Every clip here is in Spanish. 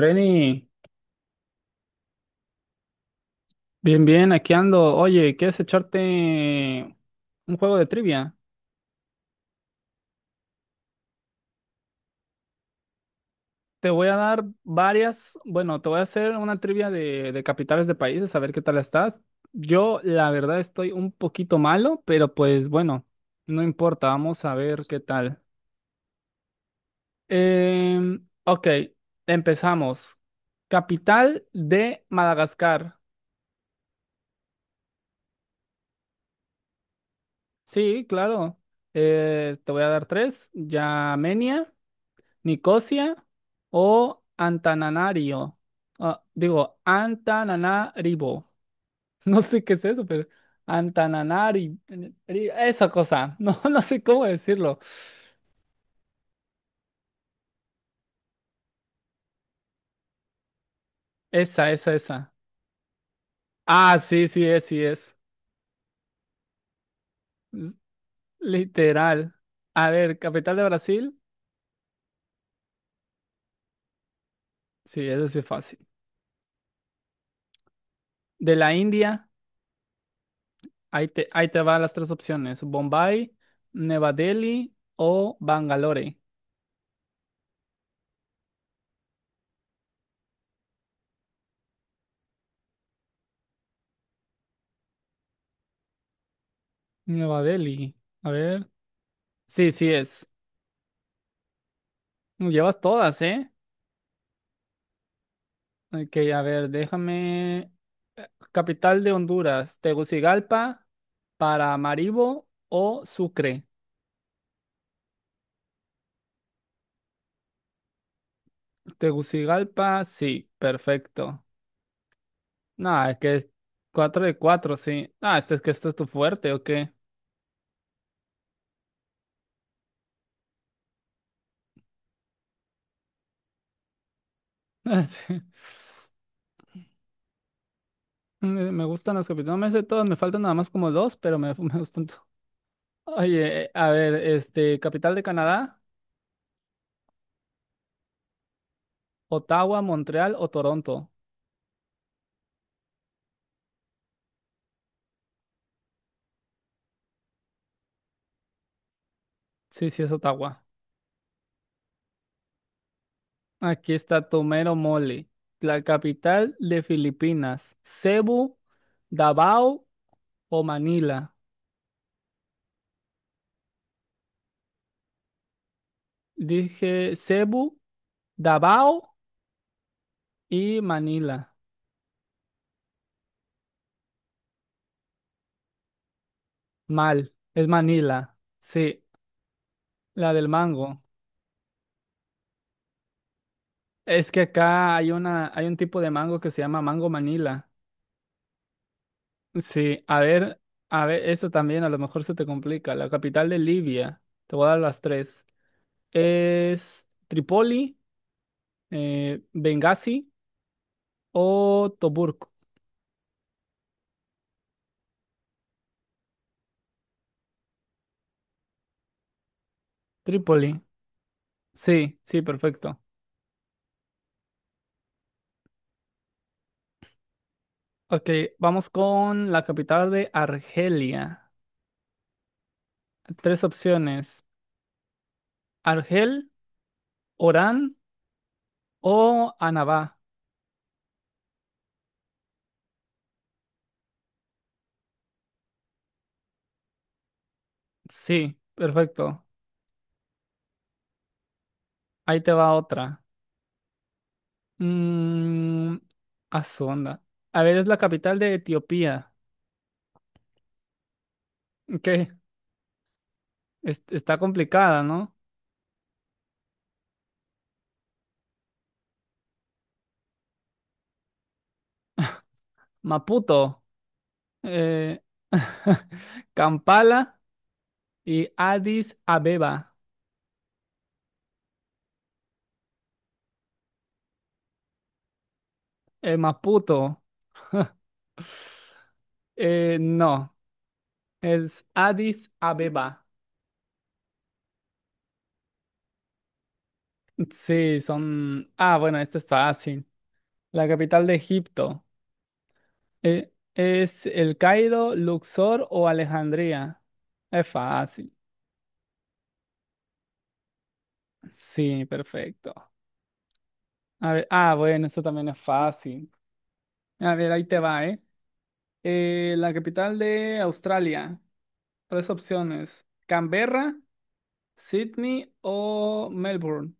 Reni, bien, bien, aquí ando. Oye, ¿quieres echarte un juego de trivia? Te voy a dar varias, bueno, te voy a hacer una trivia de capitales de países, a ver qué tal estás. Yo, la verdad, estoy un poquito malo, pero pues bueno, no importa, vamos a ver qué tal. Ok, empezamos. Capital de Madagascar. Sí, claro. Te voy a dar tres. Yamenia. Nicosia o Antananarivo. Ah, digo, Antananarivo. No sé qué es eso, pero Antananari, esa cosa. No, no sé cómo decirlo. Esa, esa, esa. Ah, sí, sí es, sí es. L- Literal. A ver, capital de Brasil. Sí, eso sí es fácil. De la India, ahí te van las tres opciones. Bombay, Nueva Delhi o Bangalore. Nueva Delhi. A ver. Sí, sí es. Llevas todas, ¿eh? Ok, a ver, déjame. Capital de Honduras, Tegucigalpa, Paramaribo o Sucre. Tegucigalpa, sí, perfecto. No, es que es cuatro de cuatro, sí. Ah, este es que esto es tu fuerte, ¿o qué? Sí. Me gustan las capitales, no me sé todas, me faltan nada más como dos, pero me, me gustan. Oye, a ver, este, capital de Canadá, Ottawa, Montreal o Toronto. Sí, sí, es Ottawa. Aquí está Tomero Mole, la capital de Filipinas, Cebu, Davao o Manila. Dije Cebu, Davao y Manila. Mal, es Manila. Sí, la del mango. Es que acá hay una, hay un tipo de mango que se llama mango Manila. Sí, a ver, eso también a lo mejor se te complica. La capital de Libia, te voy a dar las tres. Es Tripoli, Benghazi o Tobruk. Trípoli. Sí, sí, perfecto. Ok, vamos con la capital de Argelia. Tres opciones. Argel, Orán o Annaba. Sí, perfecto. Ahí te va otra. Mmm, a su onda. A ver, es la capital de Etiopía. ¿Qué? Es- está complicada, ¿no? Maputo, eh, Kampala y Addis Abeba. Maputo. No, es Addis Abeba. Sí, son... Ah, bueno, esto está fácil. La capital de Egipto. ¿Es El Cairo, Luxor o Alejandría? Es fácil. Sí, perfecto. A ver, ah, bueno, esto también es fácil. A ver, ahí te va, ¿eh? La capital de Australia. Tres opciones. Canberra, Sydney o Melbourne.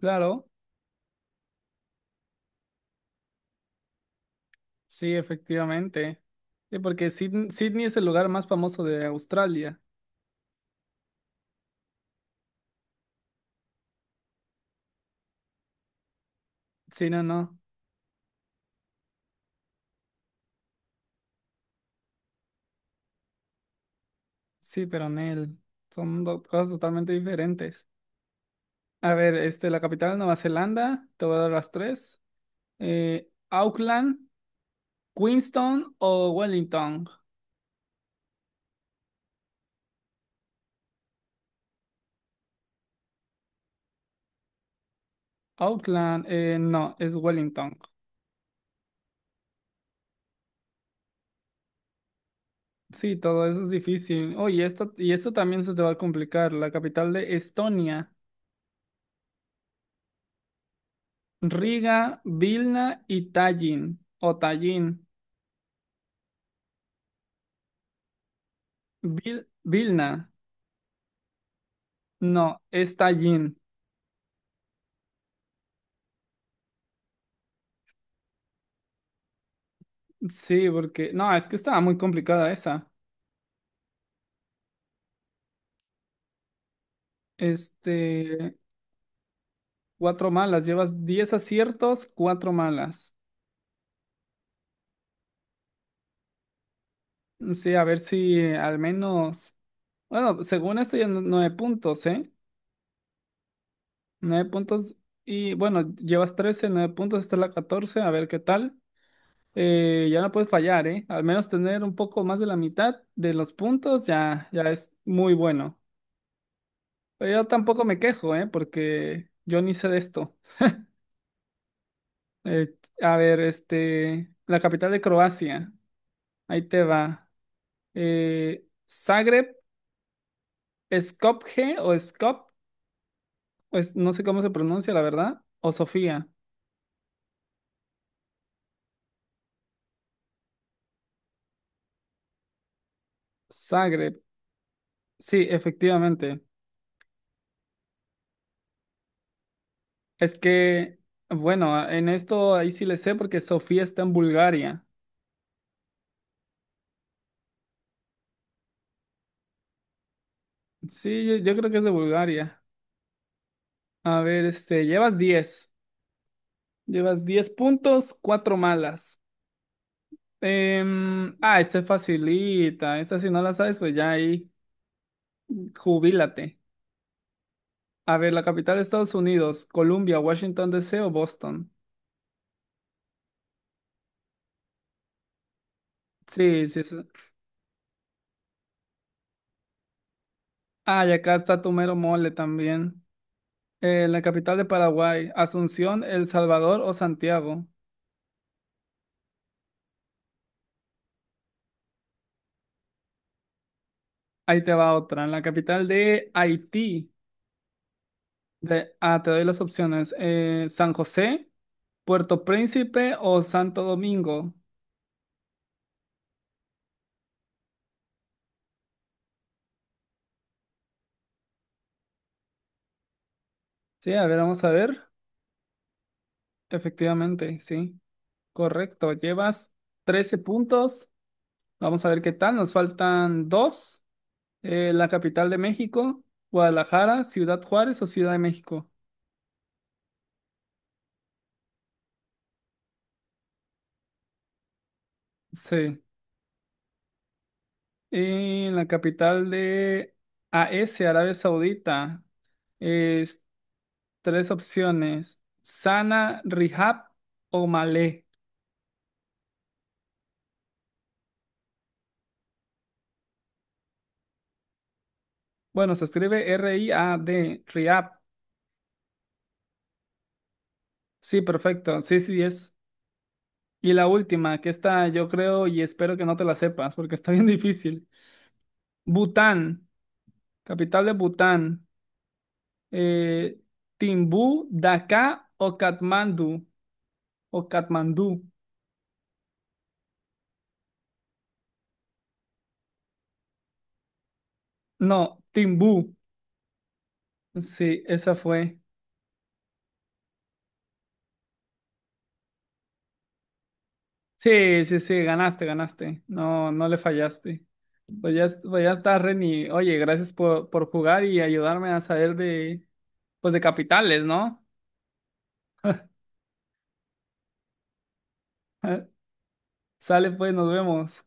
Claro. Sí, efectivamente. Sí, porque Sydney es el lugar más famoso de Australia. Sí, no, no. Sí, pero Nel. Son dos cosas totalmente diferentes. A ver, este, la capital de Nueva Zelanda, te voy a dar las tres. Auckland, Queenstown o Wellington. Auckland, no, es Wellington. Sí, todo eso es difícil. Oye, esto, y esto también se te va a complicar. La capital de Estonia, Riga, Vilna y Tallinn o Tallinn. Vilna, no, es Tallinn. Sí, porque, no, es que estaba muy complicada esa. Este, cuatro malas, llevas 10 aciertos, cuatro malas. Sí, a ver si al menos, bueno, según esto ya nueve puntos, ¿eh? Nueve puntos y bueno, llevas 13 nueve puntos, esta es la 14, a ver qué tal. Ya no puedes fallar, ¿eh? Al menos tener un poco más de la mitad de los puntos ya, ya es muy bueno. Pero yo tampoco me quejo, ¿eh? Porque yo ni sé de esto. Eh, a ver, este, la capital de Croacia. Ahí te va. Zagreb, Skopje o Skop, pues no sé cómo se pronuncia, la verdad. O Sofía. Zagreb. Sí, efectivamente. Es que, bueno, en esto ahí sí le sé porque Sofía está en Bulgaria. Sí, yo creo que es de Bulgaria. A ver, este, llevas 10 Llevas 10 puntos, 4 malas. Ah, esta es facilita. Esta si no la sabes, pues ya ahí jubílate. A ver, la capital de Estados Unidos, Columbia, Washington D. C. o Boston. Sí, sí, sí. Ah, y acá está tu mero mole también. La capital de Paraguay, Asunción, El Salvador o Santiago. Ahí te va otra. La capital de Haití. De, ah, te doy las opciones. San José, Puerto Príncipe o Santo Domingo. Sí, a ver, vamos a ver. Efectivamente, sí. Correcto, llevas 13 puntos. Vamos a ver qué tal. Nos faltan dos. La capital de México, Guadalajara, Ciudad Juárez o Ciudad de México. Sí. Y la capital de A AS, Arabia Saudita. Es tres opciones. Sana, Rihab o Malé. Bueno, se escribe R-I-A-D, Rihab. Sí, perfecto. Sí, sí, es. Y la última, que esta yo creo y espero que no te la sepas porque está bien difícil. Bután, capital de Bután. Eh, Timbú, Daká o Katmandú. O Katmandú. No, Timbú. Sí, esa fue. Sí, sí, sí, ganaste, ganaste. No, no le fallaste. Pues ya, pues ya está, Reni. Oye, gracias por jugar y ayudarme a saber de, pues de capitales, ¿no? Sale, pues, nos vemos.